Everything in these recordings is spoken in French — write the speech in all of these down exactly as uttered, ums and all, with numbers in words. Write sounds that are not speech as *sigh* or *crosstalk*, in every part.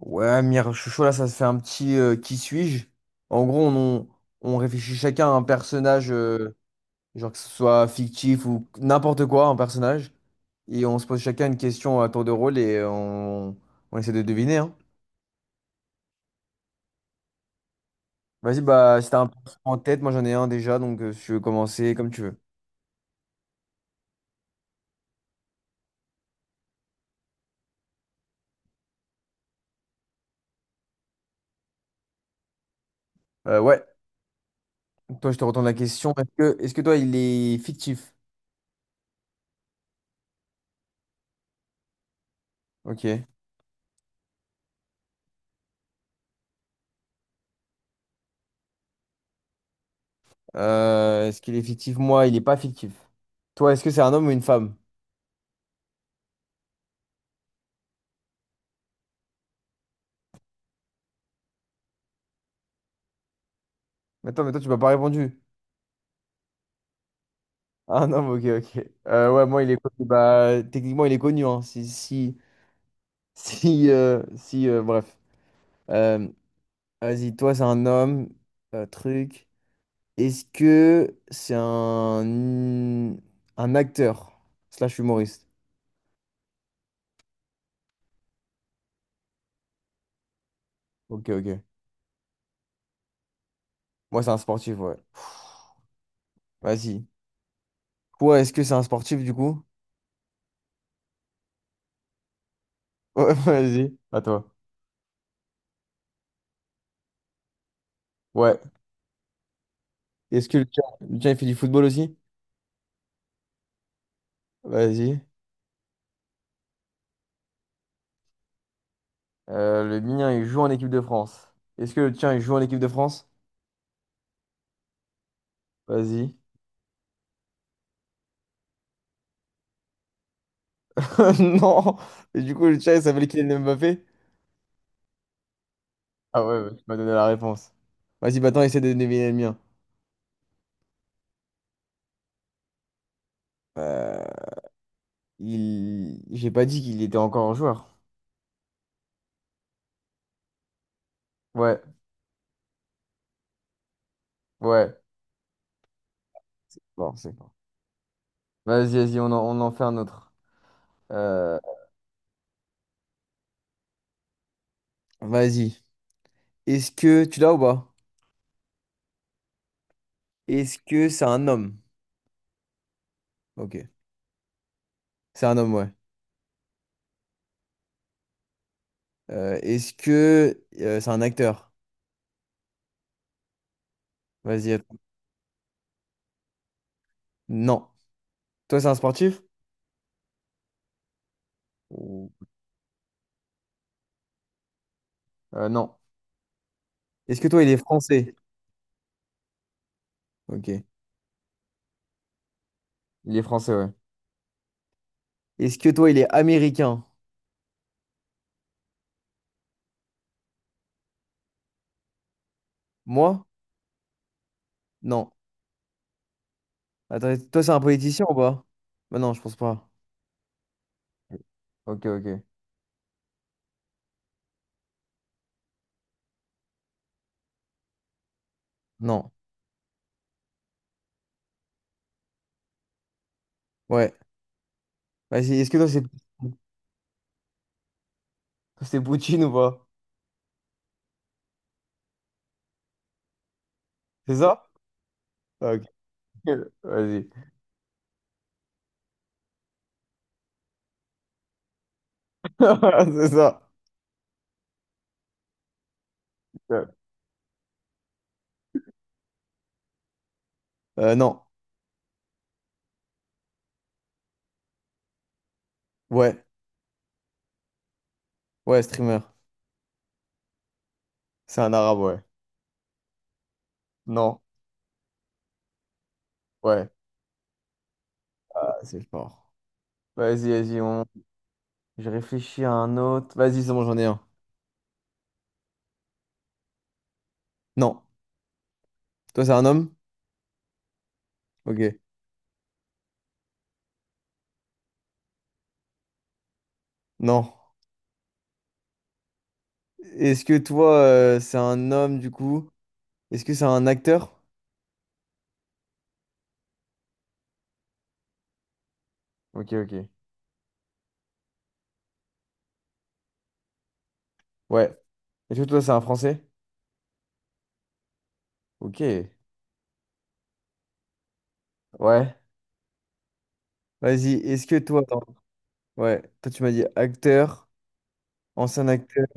Ouais, Mire, chouchou là, ça se fait un petit euh, qui suis-je? En gros, on, on- on réfléchit chacun à un personnage, euh, genre que ce soit fictif ou n'importe quoi, un personnage. Et on se pose chacun une question à tour de rôle et on, on essaie de deviner, hein. Vas-y, bah, si t'as un personnage en tête, moi j'en ai un déjà, donc euh, si tu veux commencer, comme tu veux. Euh, ouais, toi, je te retourne la question. Est-ce que, est-ce que toi, il est fictif? Ok. Euh, est-ce qu'il est fictif? Moi, il n'est pas fictif. Toi, est-ce que c'est un homme ou une femme? Attends, mais toi, tu m'as pas répondu. Ah non, ok, ok. Euh, ouais, moi, il est connu. Bah, techniquement, il est connu, hein. Si, si, *laughs* si, euh, si, euh, bref. Euh, vas-y, toi, c'est un homme, euh, truc. Est-ce que c'est un, un acteur slash humoriste? Ok, ok. Moi, c'est un sportif, ouais. Vas-y. Toi, est-ce que c'est un sportif, du coup? Ouais, *laughs* vas-y. À toi. Ouais. Est-ce que le tien, le tien, il fait du football aussi? Vas-y. Euh, le mien, il joue en équipe de France. Est-ce que le tien, il joue en équipe de France? Vas-y. *laughs* Non. Et du coup, le chat, il s'appelle Kylian Mbappé? Ah ouais, ouais, tu m'as donné la réponse. Vas-y, maintenant, essaie de deviner le mien. Euh, il... J'ai pas dit qu'il était encore un joueur. Ouais, ouais. Bon, c'est bon. Vas-y, vas-y, on en, on en fait un autre. Euh, Vas-y. Est-ce que... Tu l'as ou pas? Est-ce que c'est un homme? Ok. C'est un homme, ouais. Euh, est-ce que euh, c'est un acteur? Vas-y, attends. Non. Toi, c'est un sportif? Ou- euh, non, est-ce que toi, il est français? Ok. Il est français, ouais. Est-ce que toi, il est américain? Moi? Non. Attends, toi, c'est un politicien ou pas? Bah non, je pense pas. Ok, ok. Non. Ouais. Vas-y, est-ce que toi, c'est c'est Poutine ou pas? C'est ça? Ah, ok. *laughs* Vas-y. *laughs* C'est ça. Euh, Euh, non. Ouais. Ouais, streamer. C'est un arabe, ouais. Non. Ouais. Ah, c'est fort. Vas-y, vas-y, on... Je réfléchis à un autre. Vas-y, c'est bon, j'en ai un. Non. Toi, c'est un homme? Ok. Non. Est-ce que toi, euh, c'est un homme, du coup? Est-ce que c'est un acteur? Ok, ok. Ouais. Est-ce que toi, c'est un Français? Ok. Ouais. Vas-y, est-ce que toi, attends. Ouais. Toi, tu m'as dit acteur, ancien acteur.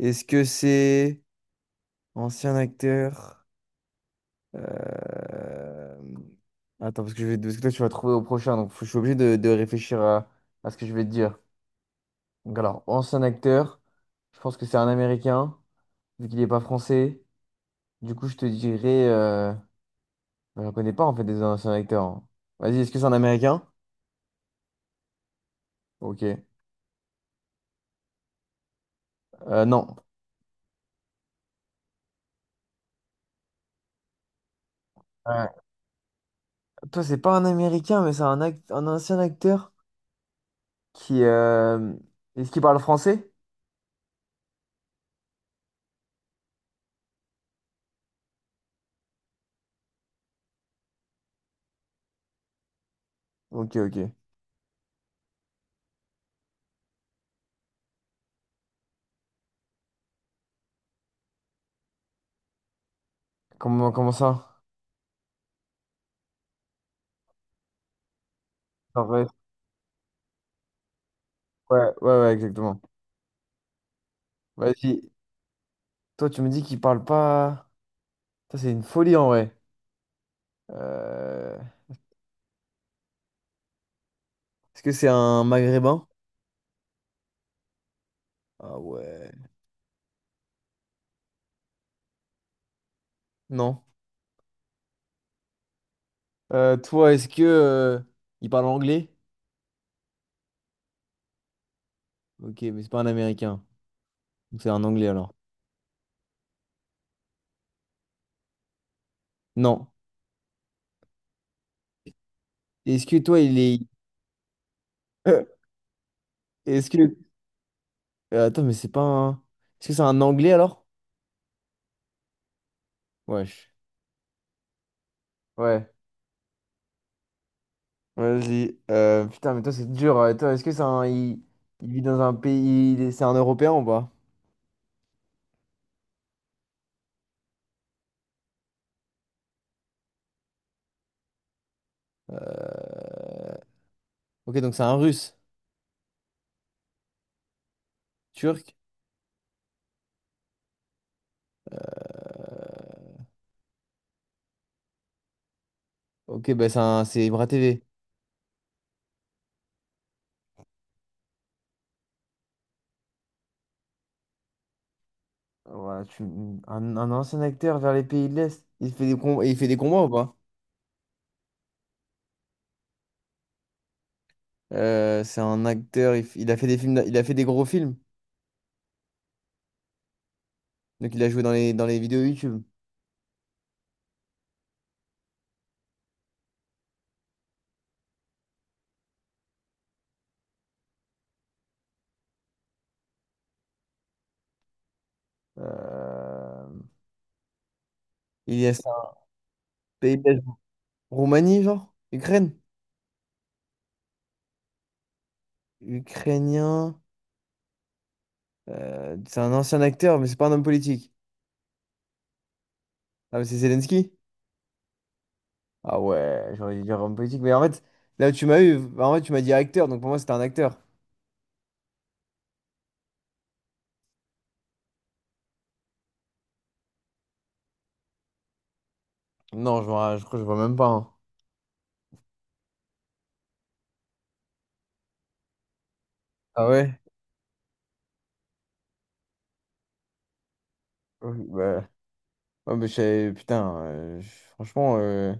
Est-ce que c'est ancien acteur? euh, Attends, parce que, je vais... parce que toi, tu vas trouver au prochain, donc faut- je suis obligé de, de réfléchir à... à ce que je vais te dire. Donc, alors, ancien acteur, je pense que c'est un Américain, vu qu'il n'est pas français. Du coup, je te dirais. Euh... bah, j'en connais pas, en fait, des anciens acteurs, hein. Vas-y, est-ce que c'est un Américain? Ok. Euh, non. Euh, toi, c'est pas un Américain, mais c'est un, act- un ancien acteur qui... euh, est-ce qu'il parle français? Ok, ok. Comment, comment ça? En vrai, ouais, ouais, ouais, exactement. Vas-y. Toi, tu me dis qu'il parle pas... Ça, c'est une folie, en vrai. Euh, Est-ce que c'est un Maghrébin? Ah ouais. Non. Euh, toi, est-ce que... euh, il parle anglais? Ok, mais c'est pas un Américain. Donc, c'est un Anglais, alors. Non. Est-ce que toi, il est... *laughs* est-ce que Euh, attends, mais c'est pas un... est-ce que c'est un anglais alors? Wesh. Ouais, vas-y. Euh, putain, mais toi, c'est dur. Euh, Toi, est-ce que c'est un. Il... il vit dans un pays. Il est- C'est un Européen ou pas? Euh, Ok, donc c'est un russe. Turc. Ok, bah c'est un... c'est Ibra T V. Ouais, tu... un, un ancien acteur vers les pays de l'Est. Il fait des com- il fait des combats ou pas? Euh, c'est un acteur, il... f- il a fait des films, d'a- il a fait des gros films. Donc il a joué dans les, dans les vidéos YouTube. Euh, Il est c'est un pays de l'Est. Roumanie, genre? Ukraine? Ukrainien. Euh, c'est un ancien acteur, mais c'est pas un homme politique. Ah, mais c'est Zelensky? Ah ouais, j'aurais dû dire homme politique. Mais en fait, là où tu m'as eu, en fait, tu m'as dit acteur, donc pour moi, c'était un acteur. Non, je vois, je crois que je vois même pas, hein. Ah ouais? Ouais, bah, ouais, mais je savais- putain, euh, je- franchement, euh,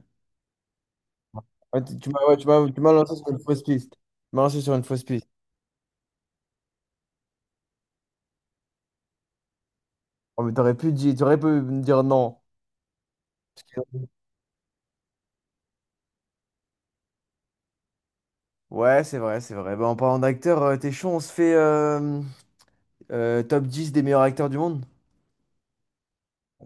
ouais, tu tu m'as ouais, tu m'as- tu m'as lancé sur une fausse piste. Tu m'as lancé sur une fausse piste. Oh, mais t'aurais pu dire, t'aurais pu me dire non. Parce que- ouais, c'est vrai, c'est vrai. Bah, en parlant d'acteur, euh, t'es chaud, on se fait, euh, euh, top dix des meilleurs acteurs du monde?